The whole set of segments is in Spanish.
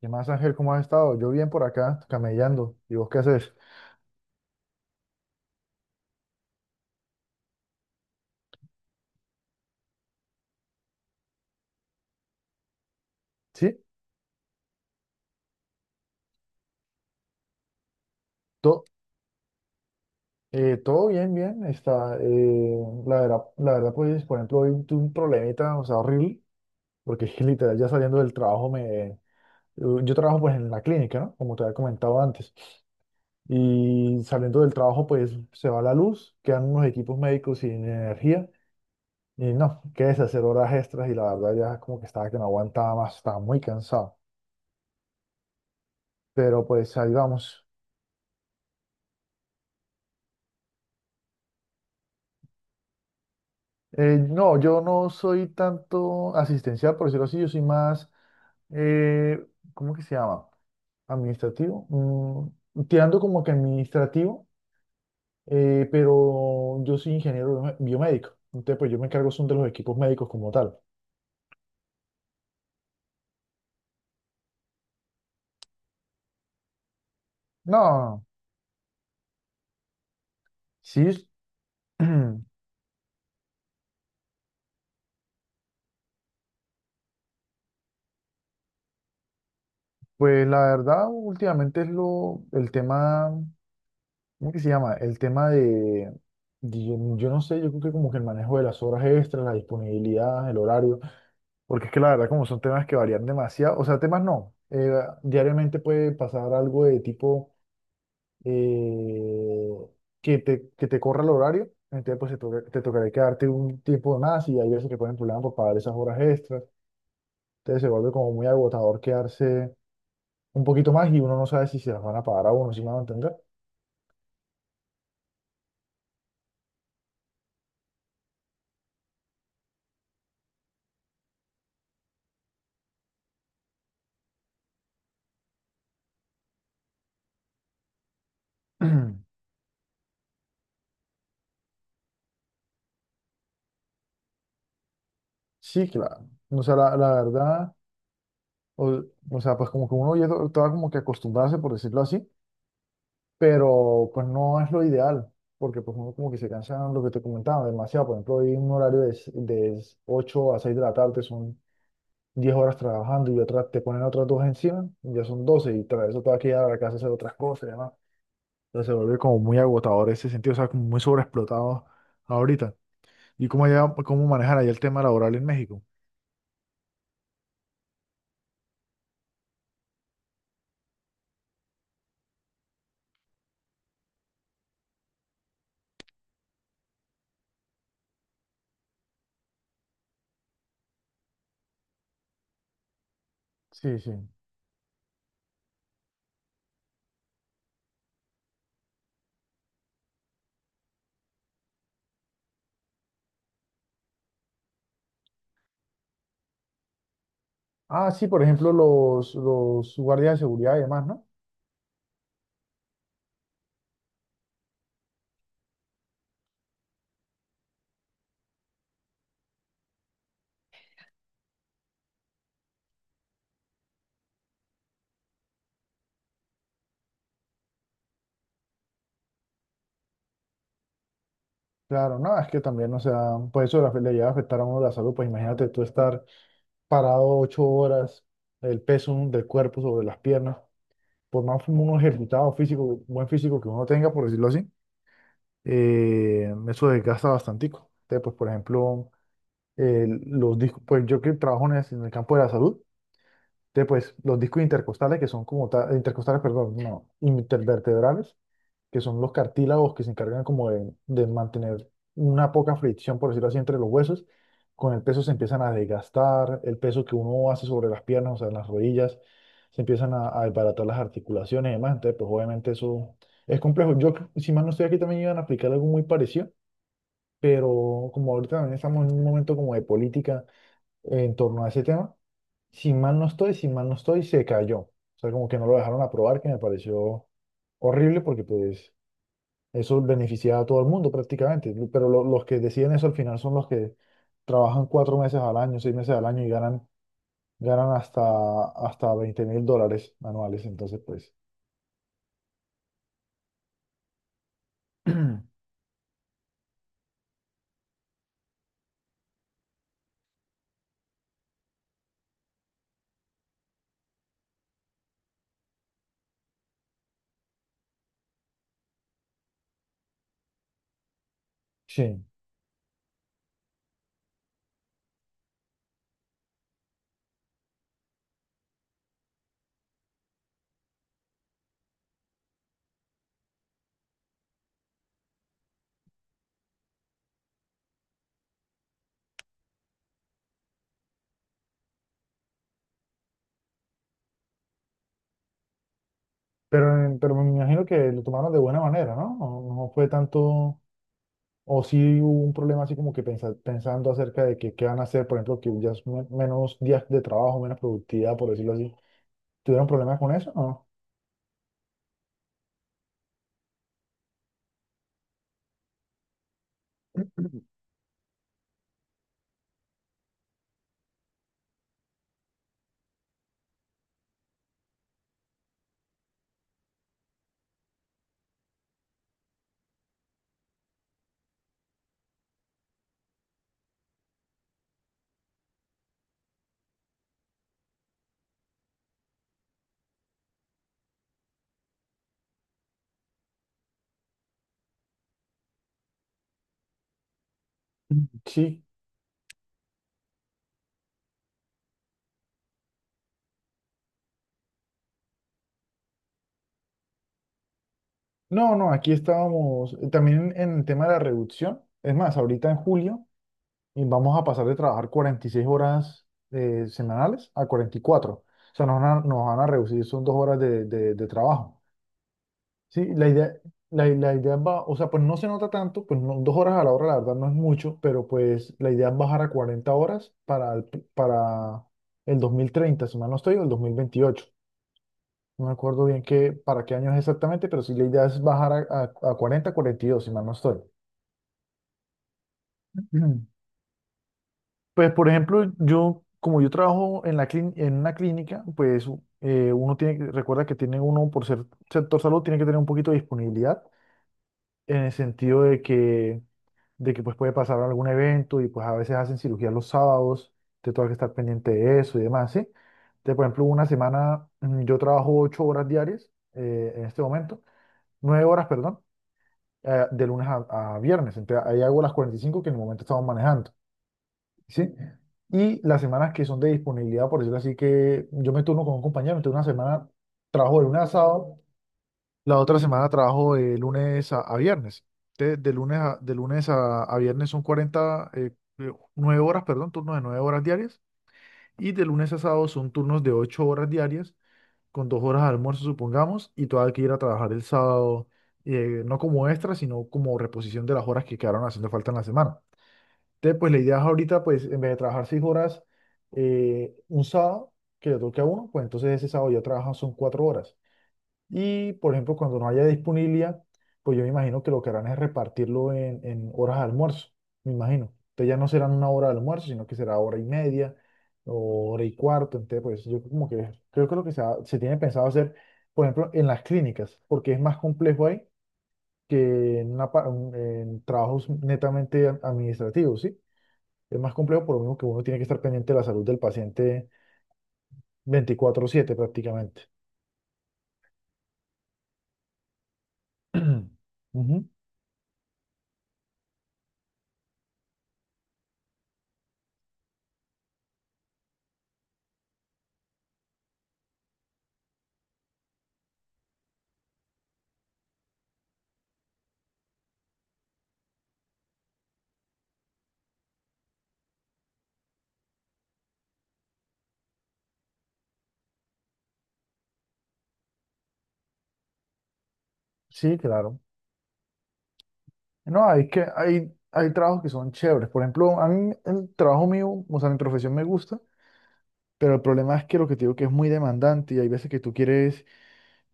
¿Qué más, Ángel? ¿Cómo has estado? Yo bien por acá, camellando. ¿Y vos qué haces? Sí, to- todo bien, bien. Está, la verdad, pues, por ejemplo, hoy tuve un problemita, o sea, horrible, porque es que literal ya saliendo del trabajo me... Yo trabajo, pues, en la clínica, ¿no? Como te había comentado antes. Y saliendo del trabajo, pues, se va la luz, quedan unos equipos médicos sin energía. Y no, qué es hacer horas extras y la verdad ya como que estaba que no aguantaba más, estaba muy cansado. Pero pues ahí vamos. No, yo no soy tanto asistencial, por decirlo así, yo soy más, eh, ¿cómo que se llama? Administrativo. Tirando como que administrativo, pero yo soy ingeniero biomédico. Entonces, pues yo me encargo son de los equipos médicos como tal. No, sí, pues la verdad, últimamente es el tema. ¿Cómo que se llama? El tema de yo, no sé, yo creo que como que el manejo de las horas extras, la disponibilidad, el horario, porque es que la verdad como son temas que varían demasiado, o sea, temas no, diariamente puede pasar algo de tipo eh, que que te corra el horario, entonces pues te tocará quedarte un tiempo más y hay veces que ponen problemas por pagar esas horas extras, entonces se vuelve como muy agotador quedarse un poquito más y uno no sabe si se las van a pagar a uno, si me van a entender. Sí, claro. O sea, la verdad, o, o sea, pues como que uno ya estaba como que acostumbrarse, por decirlo así, pero pues no es lo ideal, porque pues uno como que se cansa, lo que te comentaba, demasiado. Por ejemplo, hay un horario de 8 a 6 de la tarde, son 10 horas trabajando y otras te ponen otras dos encima, y ya son 12 y tras eso te vas a quedar a la casa a hacer otras cosas y demás. Entonces se vuelve como muy agotador ese sentido, o sea, como muy sobreexplotado ahorita. ¿Y cómo, cómo manejar ahí el tema laboral en México? Sí, sí. Ah, sí, por ejemplo, los guardias de seguridad y demás, ¿no? Claro, no, es que también, o sea, pues eso le llega a afectar a uno la salud, pues imagínate tú estar parado 8 horas, el peso del cuerpo sobre las piernas, por más uno ejercitado físico, buen físico que uno tenga, por decirlo así, eso desgasta bastantico. Entonces, pues, por ejemplo, los discos, pues yo que trabajo en el campo de la salud, entonces, pues los discos intercostales, que son como, intercostales, perdón, no, intervertebrales que son los cartílagos que se encargan como de mantener una poca fricción, por decirlo así, entre los huesos. Con el peso se empiezan a desgastar, el peso que uno hace sobre las piernas, o sea, en las rodillas, se empiezan a desbaratar las articulaciones y demás. Entonces, pues obviamente eso es complejo. Si mal no estoy aquí, también iban a aplicar algo muy parecido, pero como ahorita también estamos en un momento como de política en torno a ese tema, si mal no estoy, si mal no estoy, se cayó. O sea, como que no lo dejaron aprobar, que me pareció horrible porque pues eso beneficia a todo el mundo prácticamente, pero los que deciden eso al final son los que trabajan 4 meses al año, 6 meses al año y ganan, ganan hasta, hasta 20.000 dólares anuales. Entonces, pues, sí. Pero, pero me imagino que lo tomaron de buena manera, ¿no? No, no fue tanto, o sí hubo un problema así como que pensando acerca de que qué van a hacer, por ejemplo, que ya es menos días de trabajo, menos productividad, por decirlo así. ¿Tuvieron problemas con eso? No. Sí, no, no, aquí estábamos también en el tema de la reducción. Es más, ahorita en julio vamos a pasar de trabajar 46 horas semanales a 44. O sea, nos van a reducir, son dos horas de trabajo. Sí, la idea, la idea va, o sea, pues no se nota tanto, dos horas a la hora, la verdad no es mucho, pero pues la idea es bajar a 40 horas para el 2030. Si mal no estoy, o el 2028. No me acuerdo bien qué, para qué años exactamente, pero sí la idea es bajar a 40, 42, si mal no estoy. Ujú. Pues, por ejemplo, yo, como yo trabajo en en una clínica, pues uno tiene, recuerda que tiene uno, por ser sector salud, tiene que tener un poquito de disponibilidad en el sentido de que pues puede pasar algún evento y pues a veces hacen cirugía los sábados, te toca que estar pendiente de eso y demás, ¿sí? Entonces, por ejemplo, una semana yo trabajo 8 horas diarias en este momento, 9 horas, perdón. De lunes a viernes. Entonces ahí hago las 45 que en el momento estamos manejando, ¿sí? Y las semanas que son de disponibilidad, por decirlo así, que yo me turno con un compañero, entonces una semana trabajo de lunes a sábado, la otra semana trabajo de lunes a viernes. Entonces, de lunes a viernes son 40 9 horas, perdón, turnos de 9 horas diarias. Y de lunes a sábado son turnos de 8 horas diarias con dos horas de almuerzo, supongamos, y tú hay que ir a trabajar el sábado, no como extra, sino como reposición de las horas que quedaron haciendo falta en la semana. Entonces, pues la idea es ahorita, pues en vez de trabajar 6 horas un sábado, que le toque a uno, pues entonces ese sábado ya trabajan son 4 horas. Y, por ejemplo, cuando no haya disponibilidad, pues yo me imagino que lo que harán es repartirlo en horas de almuerzo, me imagino. Entonces ya no serán una hora de almuerzo, sino que será hora y media o hora y cuarto. Entonces, pues yo como que creo que lo que se tiene pensado hacer, por ejemplo, en las clínicas, porque es más complejo ahí que en, en trabajos netamente administrativos, ¿sí? Es más complejo por lo mismo que uno tiene que estar pendiente de la salud del paciente 24/7 prácticamente. Ujú. Sí, claro. No, hay trabajos que son chéveres. Por ejemplo, a mí el trabajo mío, o sea, mi profesión me gusta, pero el problema es que lo que te digo que es muy demandante y hay veces que tú quieres,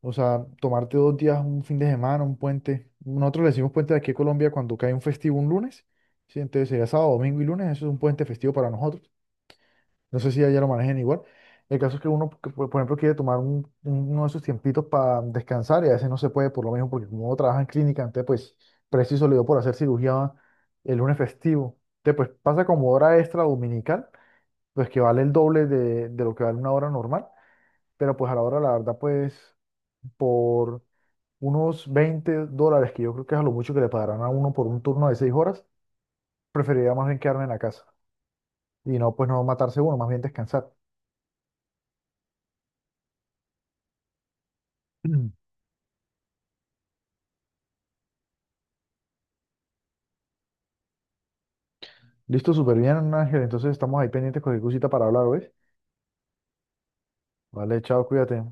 o sea, tomarte dos días, un fin de semana, un puente. Nosotros le decimos puente de aquí a Colombia cuando cae un festivo un lunes, ¿sí? Entonces sería sábado, domingo y lunes, eso es un puente festivo para nosotros. No sé si allá lo manejen igual. El caso es que uno, que, por ejemplo, quiere tomar uno de sus tiempitos para descansar y a veces no se puede por lo mismo, porque como uno trabaja en clínica, antes pues preciso le dio por hacer cirugía el lunes festivo. Entonces pues pasa como hora extra dominical, pues que vale el doble de lo que vale una hora normal, pero pues a la hora, la verdad, pues por unos 20 dólares, que yo creo que es a lo mucho que le pagarán a uno por un turno de 6 horas, preferiría más bien quedarme en la casa y no pues no matarse uno, más bien descansar. Listo, súper bien, Ángel. Entonces estamos ahí pendientes con cualquier cosita para hablar, ¿ves? Vale, chao, cuídate.